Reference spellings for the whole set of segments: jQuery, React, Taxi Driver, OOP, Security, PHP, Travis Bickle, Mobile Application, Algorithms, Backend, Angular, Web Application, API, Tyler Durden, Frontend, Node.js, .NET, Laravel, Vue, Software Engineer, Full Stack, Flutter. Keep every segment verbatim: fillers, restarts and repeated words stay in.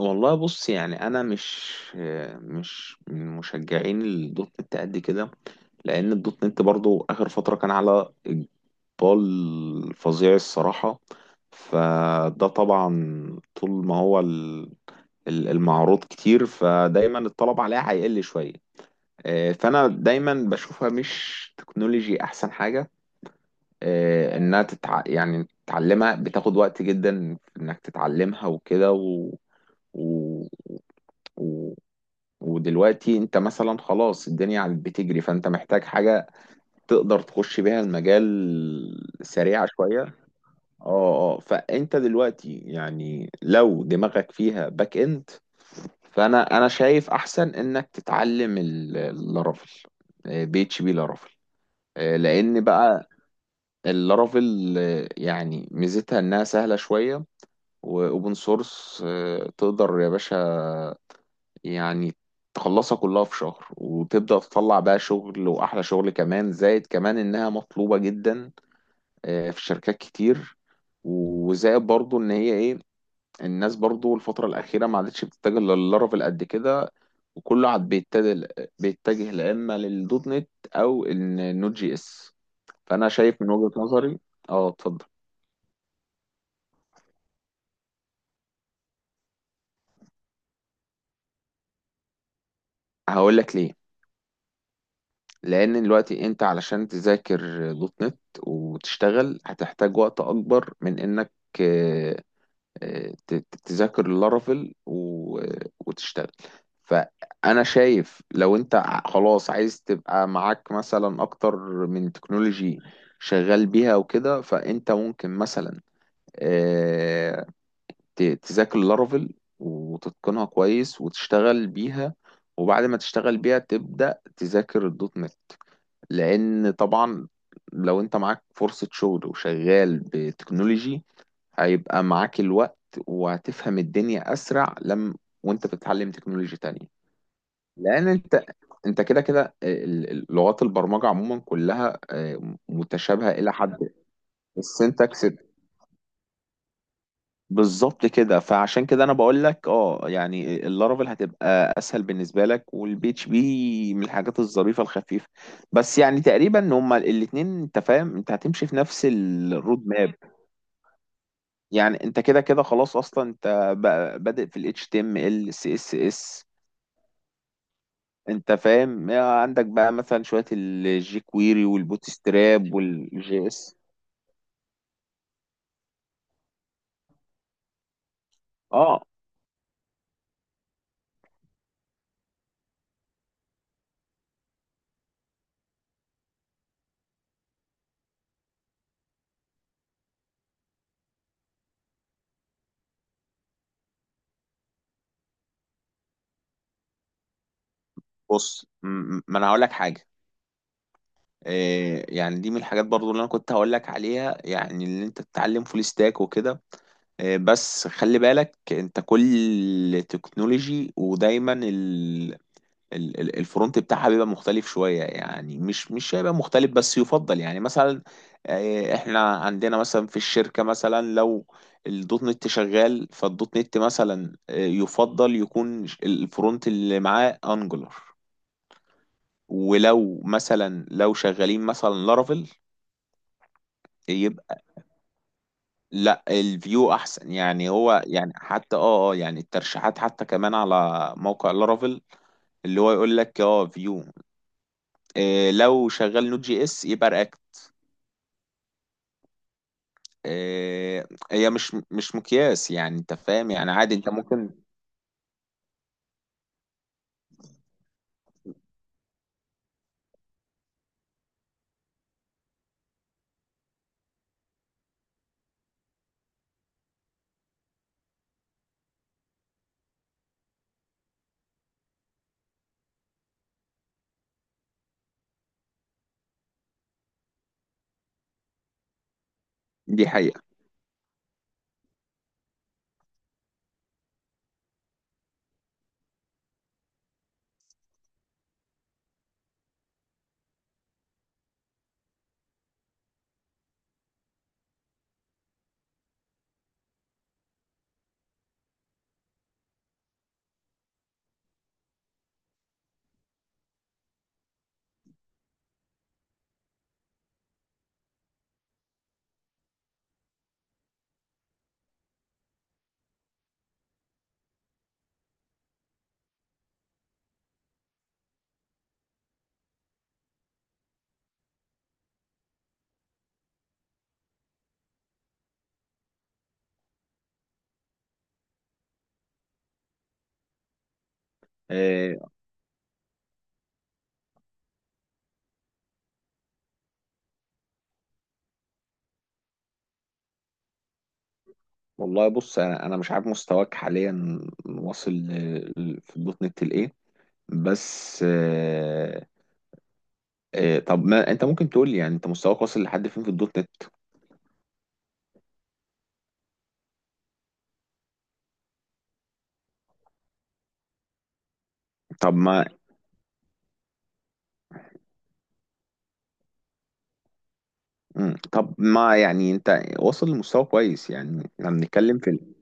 والله بص، يعني انا مش آه، مش من مشجعين الدوت نت قد كده. لان الدوت نت برضو اخر فتره كان على اقبال فظيع الصراحه. فده طبعا طول ما هو ال- ال- المعروض كتير، فدايما الطلب عليها هيقل شويه. آه، فانا دايما بشوفها مش تكنولوجي احسن حاجه، آه، انها تتع... يعني تتعلمها بتاخد وقت جدا في انك تتعلمها وكده و... و... و... ودلوقتي انت مثلا خلاص الدنيا عم بتجري، فانت محتاج حاجة تقدر تخش بيها المجال سريعة شوية. اه اه فانت دلوقتي يعني لو دماغك فيها باك اند، فانا انا شايف احسن انك تتعلم اللارافيل، بي اتش بي لارافيل. لان بقى اللارافيل، آه، يعني ميزتها انها سهلة شوية، واوبن سورس. تقدر يا باشا يعني تخلصها كلها في شهر، وتبدأ تطلع بقى شغل، واحلى شغل كمان. زائد كمان انها مطلوبة جدا، آه، في شركات كتير. وزائد برضو ان هي ايه، الناس برضو الفترة الأخيرة ما عادتش بتتجه للارافيل قد كده، وكله عاد بيتجه بيتجه لا اما للدوت نت، او النوت جي اس. فانا شايف من وجهة نظري، اه اتفضل. هقول لك ليه. لان دلوقتي انت علشان تذاكر دوت نت وتشتغل هتحتاج وقت اكبر من انك آه، آه، ت- ت- تذاكر لارافيل و- وتشتغل. فانا شايف لو انت ع- خلاص عايز تبقى معاك مثلا اكتر من تكنولوجي شغال بيها وكده، فانت ممكن مثلا آه، ت- تذاكر لارافيل وتتقنها كويس وتشتغل بيها، وبعد ما تشتغل بيها تبدأ تذاكر الدوت نت. لان طبعا لو انت معاك فرصة شغل وشغال بتكنولوجي هيبقى معاك الوقت، وهتفهم الدنيا اسرع لما وانت بتتعلم تكنولوجي تانية. لان انت انت كده كده ال- ال- لغات البرمجة عموما كلها، آه، متشابهة الى حد. السنتكس بالظبط كده. فعشان كده انا بقول لك اه، يعني اللارافيل هتبقى اسهل بالنسبه لك، والبيتش بي من الحاجات الظريفه الخفيفه. بس يعني تقريبا هما الاثنين، انت فاهم، انت هتمشي في نفس الرود ماب. يعني انت كده كده خلاص، اصلا انت بقى بادئ في الاتش تي ام ال سي اس اس. انت فاهم، عندك بقى مثلا شويه الجي كويري والبوت ستراب والجي اس. اه بص م- م- ما انا هقول لك حاجه. آه، يعني دي من الحاجات برضو اللي انا كنت هقول لك عليها، يعني اللي انت تتعلم فول ستاك وكده. آه، بس خلي بالك انت كل تكنولوجي ودايما ال- ال- ال- الفرونت بتاعها بيبقى مختلف شوية، يعني مش مش هيبقى مختلف بس يفضل. يعني مثلا آه، احنا عندنا مثلا في الشركة، مثلا لو الدوت نت شغال، فالدوت نت مثلا آه، يفضل يكون الفرونت اللي معاه انجولار. ولو مثلا لو شغالين مثلا لارافيل، لا الفيو احسن يعني. هو يعني حتى اه اه يعني الترشيحات حتى كمان على موقع لارافيل اللي هو يقول لك اه فيو. إيه لو شغال نوت جي اس يبقى رياكت. إيه، هي مش مش مقياس يعني، انت فاهم، يعني عادي انت ممكن. دي حقيقة. إيه. والله بص، انا انا مش عارف مستواك حاليا واصل ل- ل- في دوت نت لايه. بس إيه إيه طب ما انت ممكن تقول لي يعني انت مستواك واصل لحد فين في الدوت نت؟ طب ما مم. طب ما يعني انت واصل لمستوى كويس. يعني احنا بنتكلم في ال...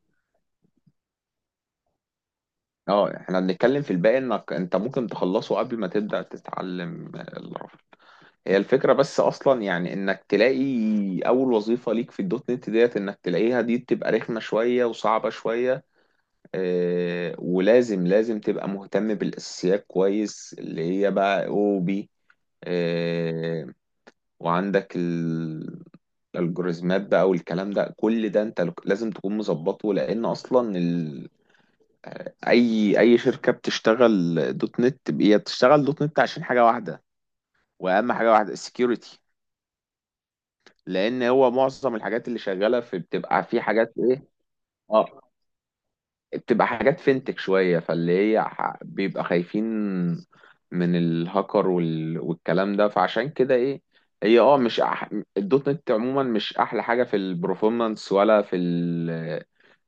اه احنا بنتكلم في الباقي، انك انت ممكن تخلصه قبل ما تبدأ تتعلم الرفع. هي الفكرة بس. اصلا يعني انك تلاقي اول وظيفة ليك في الدوت نت ديت، انك تلاقيها دي بتبقى رخمة شوية وصعبة شوية. اه ولازم لازم تبقى مهتم بالاساسيات كويس، اللي هي بقى او بي، وعندك ال... الالجوريزمات بقى والكلام ده. كل ده انت لازم تكون مظبطه، لان اصلا ال... اي اي شركه بتشتغل دوت نت هي بتشتغل دوت نت عشان حاجه واحده. واهم حاجه واحده السكيورتي. لان هو معظم الحاجات اللي شغاله في بتبقى في حاجات ايه، اه بتبقى حاجات فينتك شوية، فاللي هي ح- بيبقى خايفين من الهاكر وال... والكلام ده. فعشان كده ايه، هي اه مش أح... الدوت نت عموما مش احلى حاجة في البرفورمانس ولا في ال...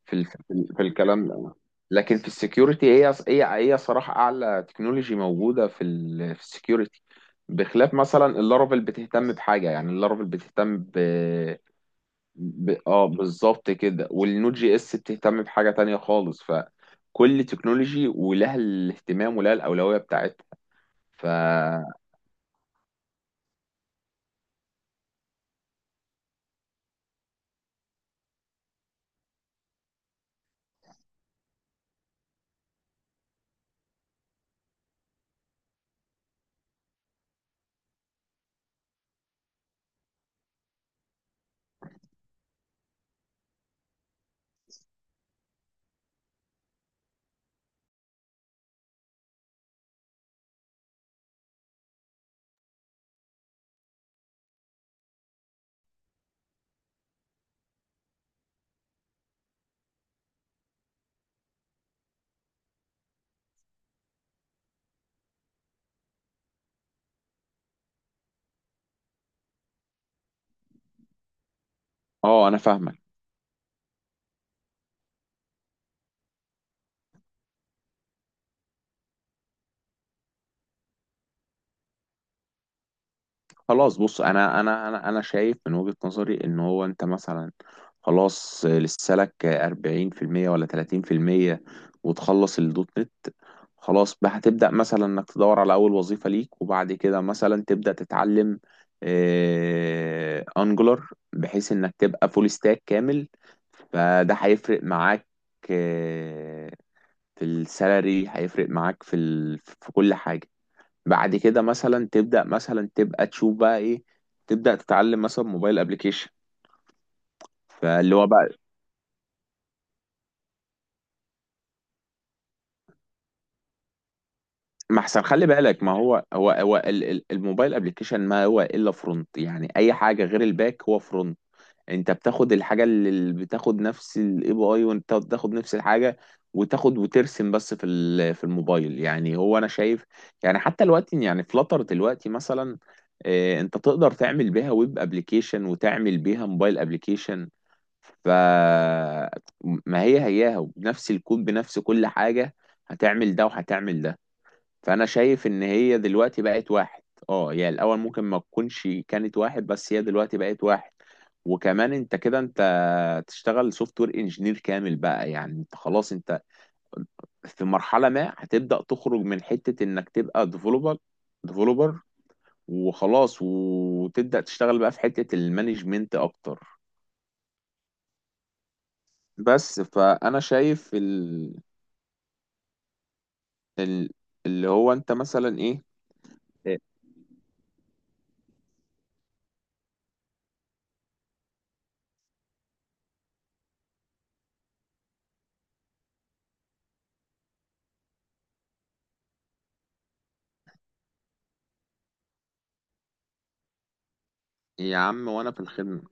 في ال... في ال... في الكلام ده. لكن في السكيورتي هي هي هي صراحة اعلى تكنولوجي موجودة في ال... في السكيورتي. بخلاف مثلا اللارفل بتهتم بحاجة، يعني اللارفل بتهتم ب... اه بالظبط كده. والنود جي اس بتهتم بحاجة تانية خالص. فكل تكنولوجي ولها الاهتمام ولها الأولوية بتاعتها. ف اه انا فاهمك. خلاص بص، انا انا انا انا شايف من وجهة نظري ان هو انت مثلا خلاص لسه لك أربعين في المية ولا تلاتين في المية، وتخلص الدوت نت. خلاص بقى هتبدأ مثلا انك تدور على اول وظيفة ليك، وبعد كده مثلا تبدأ تتعلم آه، انجولار، بحيث انك تبقى فول ستاك كامل. فده هيفرق معاك آه، في السالري، هيفرق معاك في ال... في كل حاجة. بعد كده مثلا تبدأ مثلا تبقى تشوف بقى ايه، تبدأ تتعلم مثلا موبايل ابليكيشن. فاللي هو بقى ما احسن. خلي بالك ما هو هو هو ال- ال- الموبايل ابليكيشن ما هو الا فرونت، يعني اي حاجة غير الباك هو فرونت. انت بتاخد الحاجه اللي بتاخد نفس الاي بي اي، وانت بتاخد نفس الحاجه، وتاخد وترسم. بس في ال- في الموبايل، يعني هو انا شايف يعني حتى دلوقتي، يعني فلاتر دلوقتي مثلا، اه، انت تقدر تعمل بيها ويب ابلكيشن وتعمل بيها موبايل ابلكيشن. ف ما هي هياها بنفس الكود بنفس كل حاجه، هتعمل ده وهتعمل ده. فانا شايف ان هي دلوقتي بقت واحد. اه، هي الاول ممكن ما تكونش كانت واحد، بس هي دلوقتي بقت واحد. وكمان انت كده انت تشتغل سوفت وير انجينير كامل بقى، يعني انت خلاص انت في مرحلة ما هتبدأ تخرج من حتة انك تبقى ديفلوبر ديفلوبر، وخلاص، وتبدأ تشتغل بقى في حتة المانجمنت اكتر. بس فانا شايف ال... ال... اللي هو انت مثلا ايه. إيه يا عم، وانا في الخدمة.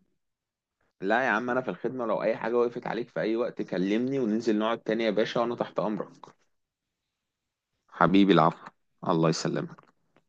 لا يا عم انا في الخدمه، لو اي حاجه وقفت عليك في اي وقت كلمني وننزل نقعد تاني يا باشا، وانا تحت امرك. حبيبي العفو. الله يسلمك.